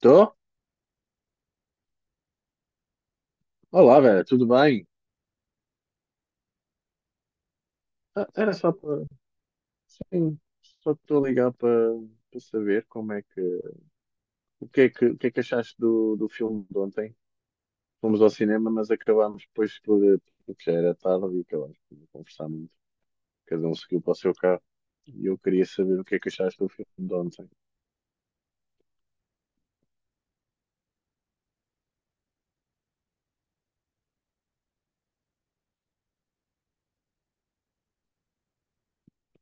Tô? Olá, Vera, tudo bem? Ah, era só para. Sim, só estou a ligar para saber como é que. O que é que achaste do filme de ontem? Fomos ao cinema, mas acabámos depois por. Porque já era tarde e acabámos por não conversar muito. Cada um seguiu para o seu carro. E eu queria saber o que é que achaste do filme de ontem.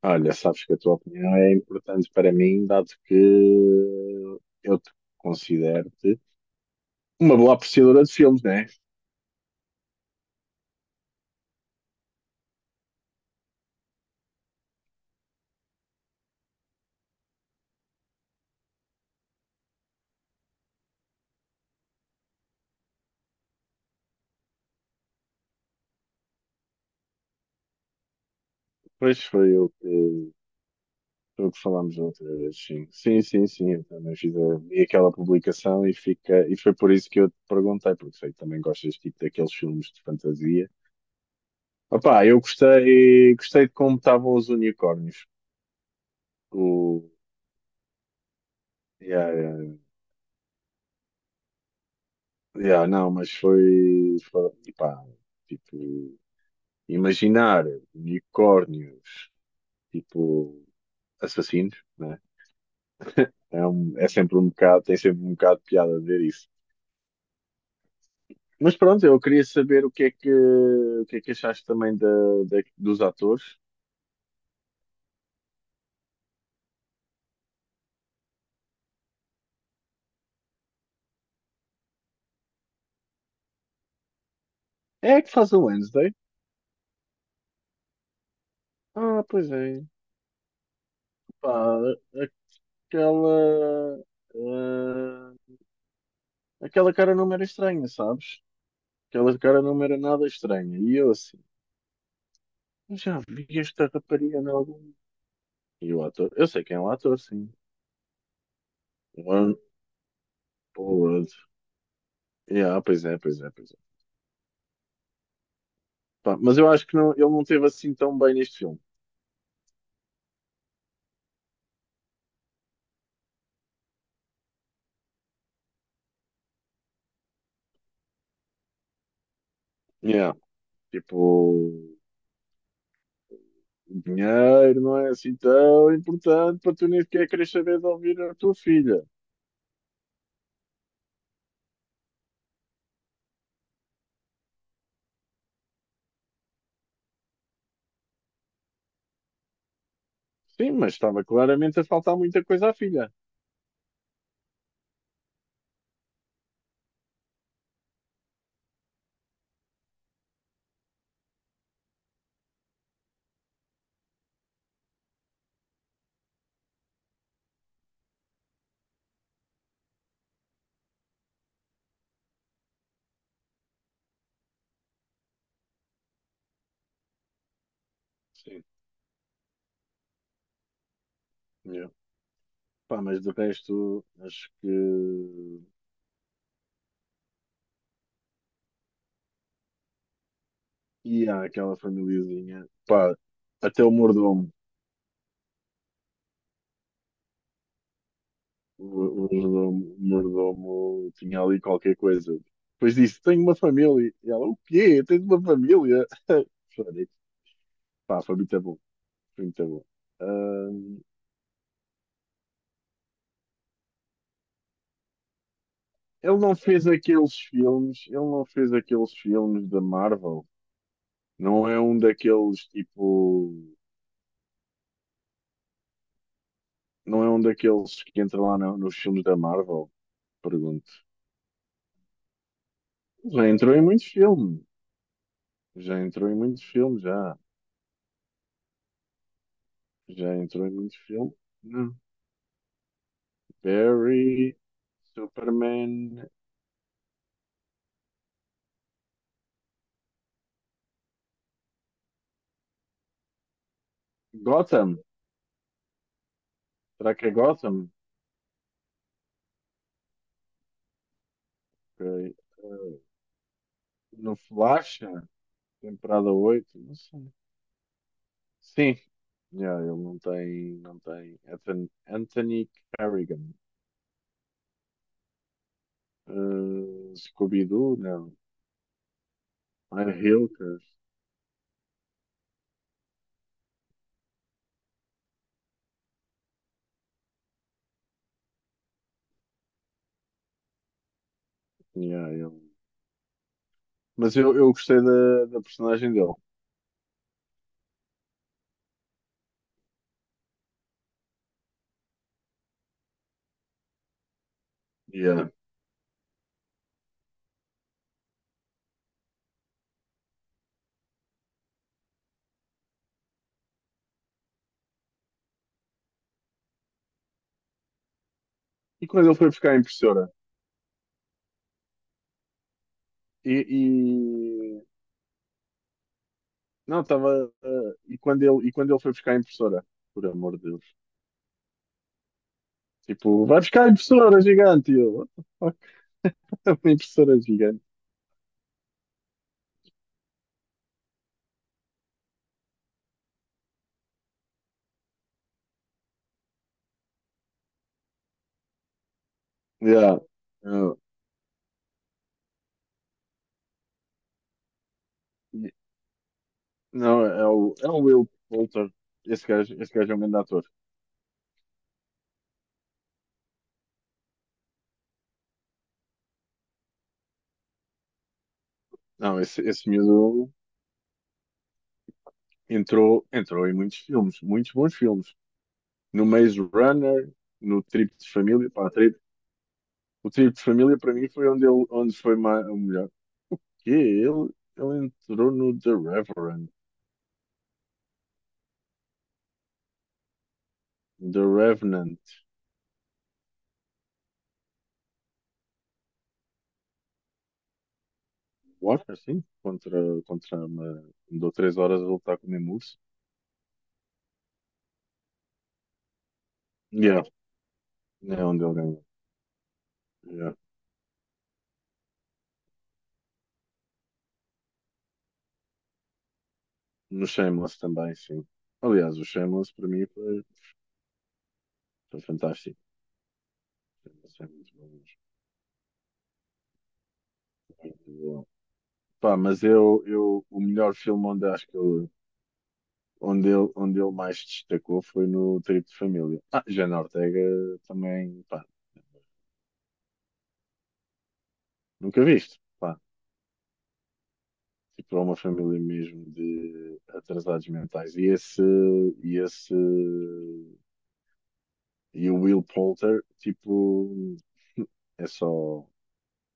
Olha, sabes que a tua opinião é importante para mim, dado que eu te considero-te uma boa apreciadora de filmes, não é? Pois foi eu que. Foi o que falámos da outra vez, sim. Sim, sim, sim, eu também fiz a, vi aquela publicação e, fica, e foi por isso que eu te perguntei, porque sei que também gostas tipo, daqueles filmes de fantasia. Opá, eu gostei de como estavam os unicórnios. O, yeah, yeah, yeah, não, mas foi, epá, tipo, imaginar unicórnios, tipo, assassinos, né? É sempre um bocado, tem sempre um bocado de piada ver isso. Mas pronto, eu queria saber o que é que, achaste também dos atores. É a que faz o Wednesday? Ah, pois é. Pá, aquela. ah, aquela cara não me era estranha, sabes? Aquela cara não me era nada estranha. E eu assim, "Eu já vi esta rapariga em algum. E o ator? Eu sei quem é o ator, sim. One Pollard. Yeah, pois é, pois é, pois é. Pá, mas eu acho que não, ele não teve assim tão bem neste filme. Yeah, tipo. O dinheiro não é assim tão importante para tu nem sequer querer saber de ouvir a tua filha. Sim, mas estava claramente a faltar muita coisa à filha. Sim. Yeah. Pá, mas de resto, acho que. E há aquela famíliazinha. Pá, até o mordomo. O mordomo tinha ali qualquer coisa. Depois disse: Tenho uma família. E ela: O quê? Tens uma família? Falei, pá, foi muito bom. Foi muito bom. Ele não fez aqueles filmes, ele não fez aqueles filmes da Marvel. Não é um daqueles tipo. Não é um daqueles que entra lá nos filmes da Marvel? Pergunto. Já entrou em muitos filmes. Já entrou em muitos filmes, já. Já entrou em muitos filmes. Não. Barry, Superman, Gotham. Será que é Gotham? Ok. Eh, no Flash, temporada 8. Não sei. Sim, yeah, ele não tem, não tem. Anthony Carrigan, Scooby-Doo, não. Anne Hilker, yeah, ele. Mas eu gostei da, personagem dele. Yeah. E quando ele foi buscar a impressora? E, e- não, estava. E quando ele foi buscar a impressora? Por amor de Deus. Tipo, vai buscar a impressora gigante! E eu, "What the fuck? Uma impressora gigante. Yeah. Yeah. Não, é o Will Poulter. Esse gajo é um grande ator. Não, esse miúdo entrou em muitos filmes, muitos bons filmes. No Maze Runner, no Trip de Família, pá, o Trip de Família para mim foi onde ele, onde foi mais, o melhor. Que ele entrou no The Reverend, The Revenant, what, assim, contra uma, andou 3 horas a lutar com o mesmo urso. Yeah, é onde ele ganhou. Yeah. No Shameless também, sim. Aliás, o Shameless para mim foi. Foi fantástico. Foi muito bom mesmo. Muito bom. Pá, mas eu, o melhor filme onde acho que ele, onde ele mais destacou foi no Trip de Família. Ah, Jana Ortega também, pá, nunca viste. Pá, tipo, é uma família mesmo de atrasados mentais. E esse, e o Will Poulter, tipo, é só,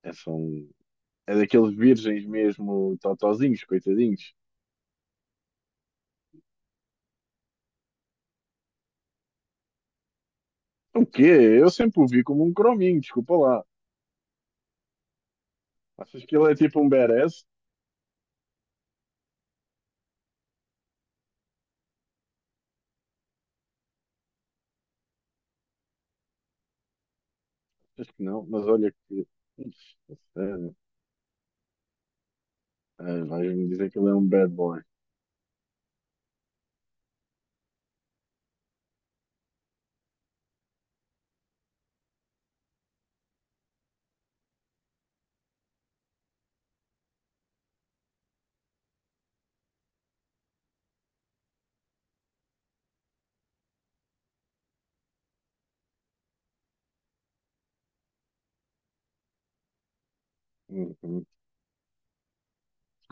é só um, é daqueles virgens mesmo, totozinhos, coitadinhos. O quê? Eu sempre o vi como um crominho, desculpa lá. Achas que ele é tipo um badass? Acho que não, mas olha que. Ixi, a sério. Ah, vais-me dizer que ele é um bad boy. Uhum,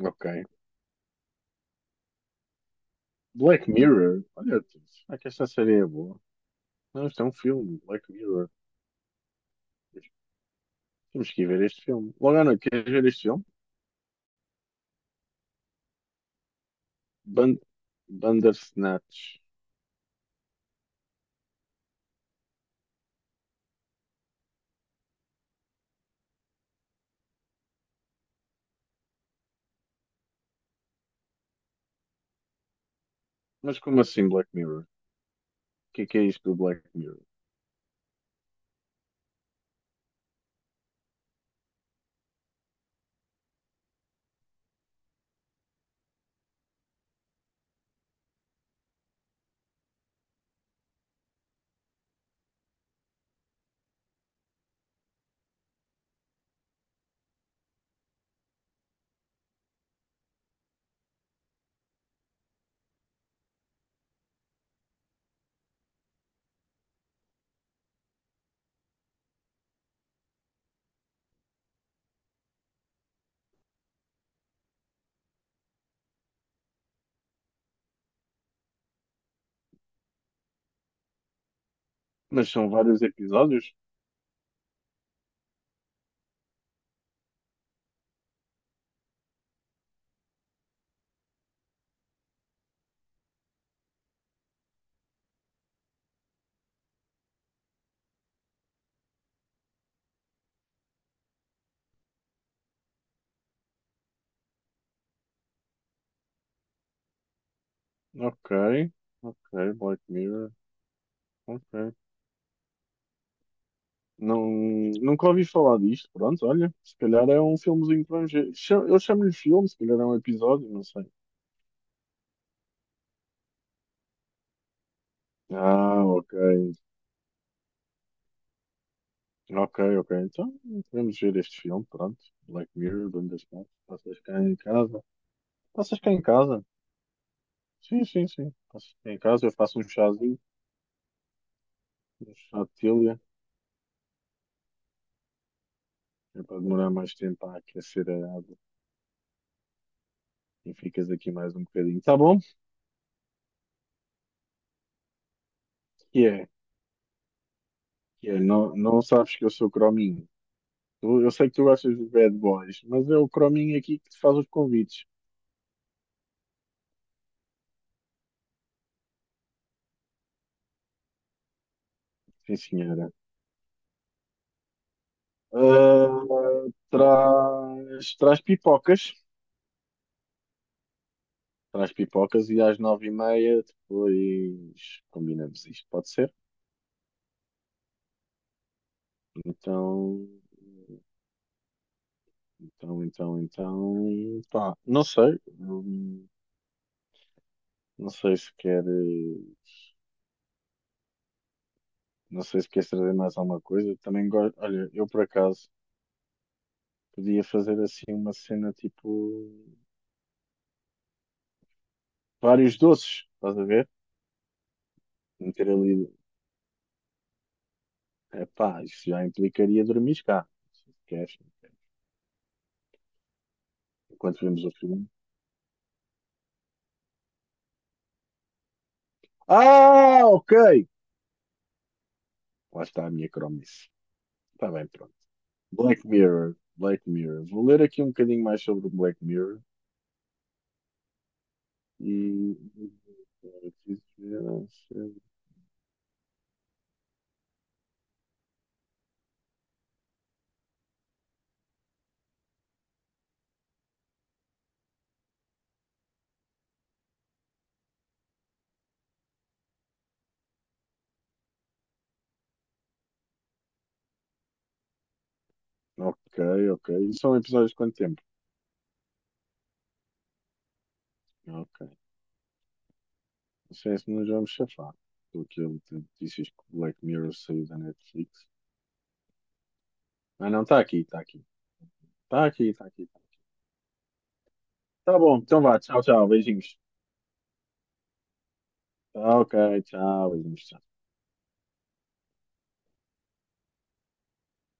ok. Black Mirror? Olha, será que esta série é boa? Não, isto é um filme, Black Mirror. Temos que ir ver este filme. Logo à noite, queres ver este filme? Ban Bandersnatch. Mas como assim Black Mirror? O que é isto do Black Mirror? Mas são vários episódios? Ok, ok, Black Mirror. Ok. Não, nunca ouvi falar disto. Pronto, olha, se calhar é um filmezinho para ver. Eu chamo-lhe filme, se calhar é um episódio, não sei. Ah, ok. Ok, ok. Então, podemos ver este filme, pronto. Black Mirror, dono das mãos. Passas cá em casa. Passas cá em casa? Sim, sim, sim. Passas cá em casa, eu faço um chazinho, um chá de telha. É para demorar mais tempo a aquecer a água. E ficas aqui mais um bocadinho. Tá bom? Que é? Que é? Não, não sabes que eu sou crominho. Eu sei que tu gostas dos bad boys, mas é o Crominho aqui que te faz os convites. Sim, senhora. Ah, traz pipocas. Traz pipocas e às 9:30 depois combinamos isto, pode ser? Então, então pá, não sei. Não sei se quer, eh, não sei se queres trazer mais alguma coisa. Também gosto, olha, eu por acaso podia fazer assim uma cena tipo vários doces, estás a ver? Meter ali. Epá, isso já implicaria dormir cá. Se queres, enquanto vemos o filme. Ah, ok! Lá está a minha cromice. Está bem, pronto. Black Mirror. Black Mirror. Vou ler aqui um bocadinho mais sobre o Black Mirror e. Ok, ok. E são episódios de quanto tempo? Ok. Não sei se nos vamos chafar. Estou aqui a ler notícias que o Black Mirror saiu da Netflix. Ah, não, está aqui, está aqui. Está aqui, está aqui. Tá bom, então vá. Tchau, tchau. Beijinhos. Tá, ok, tchau, beijinhos, tchau.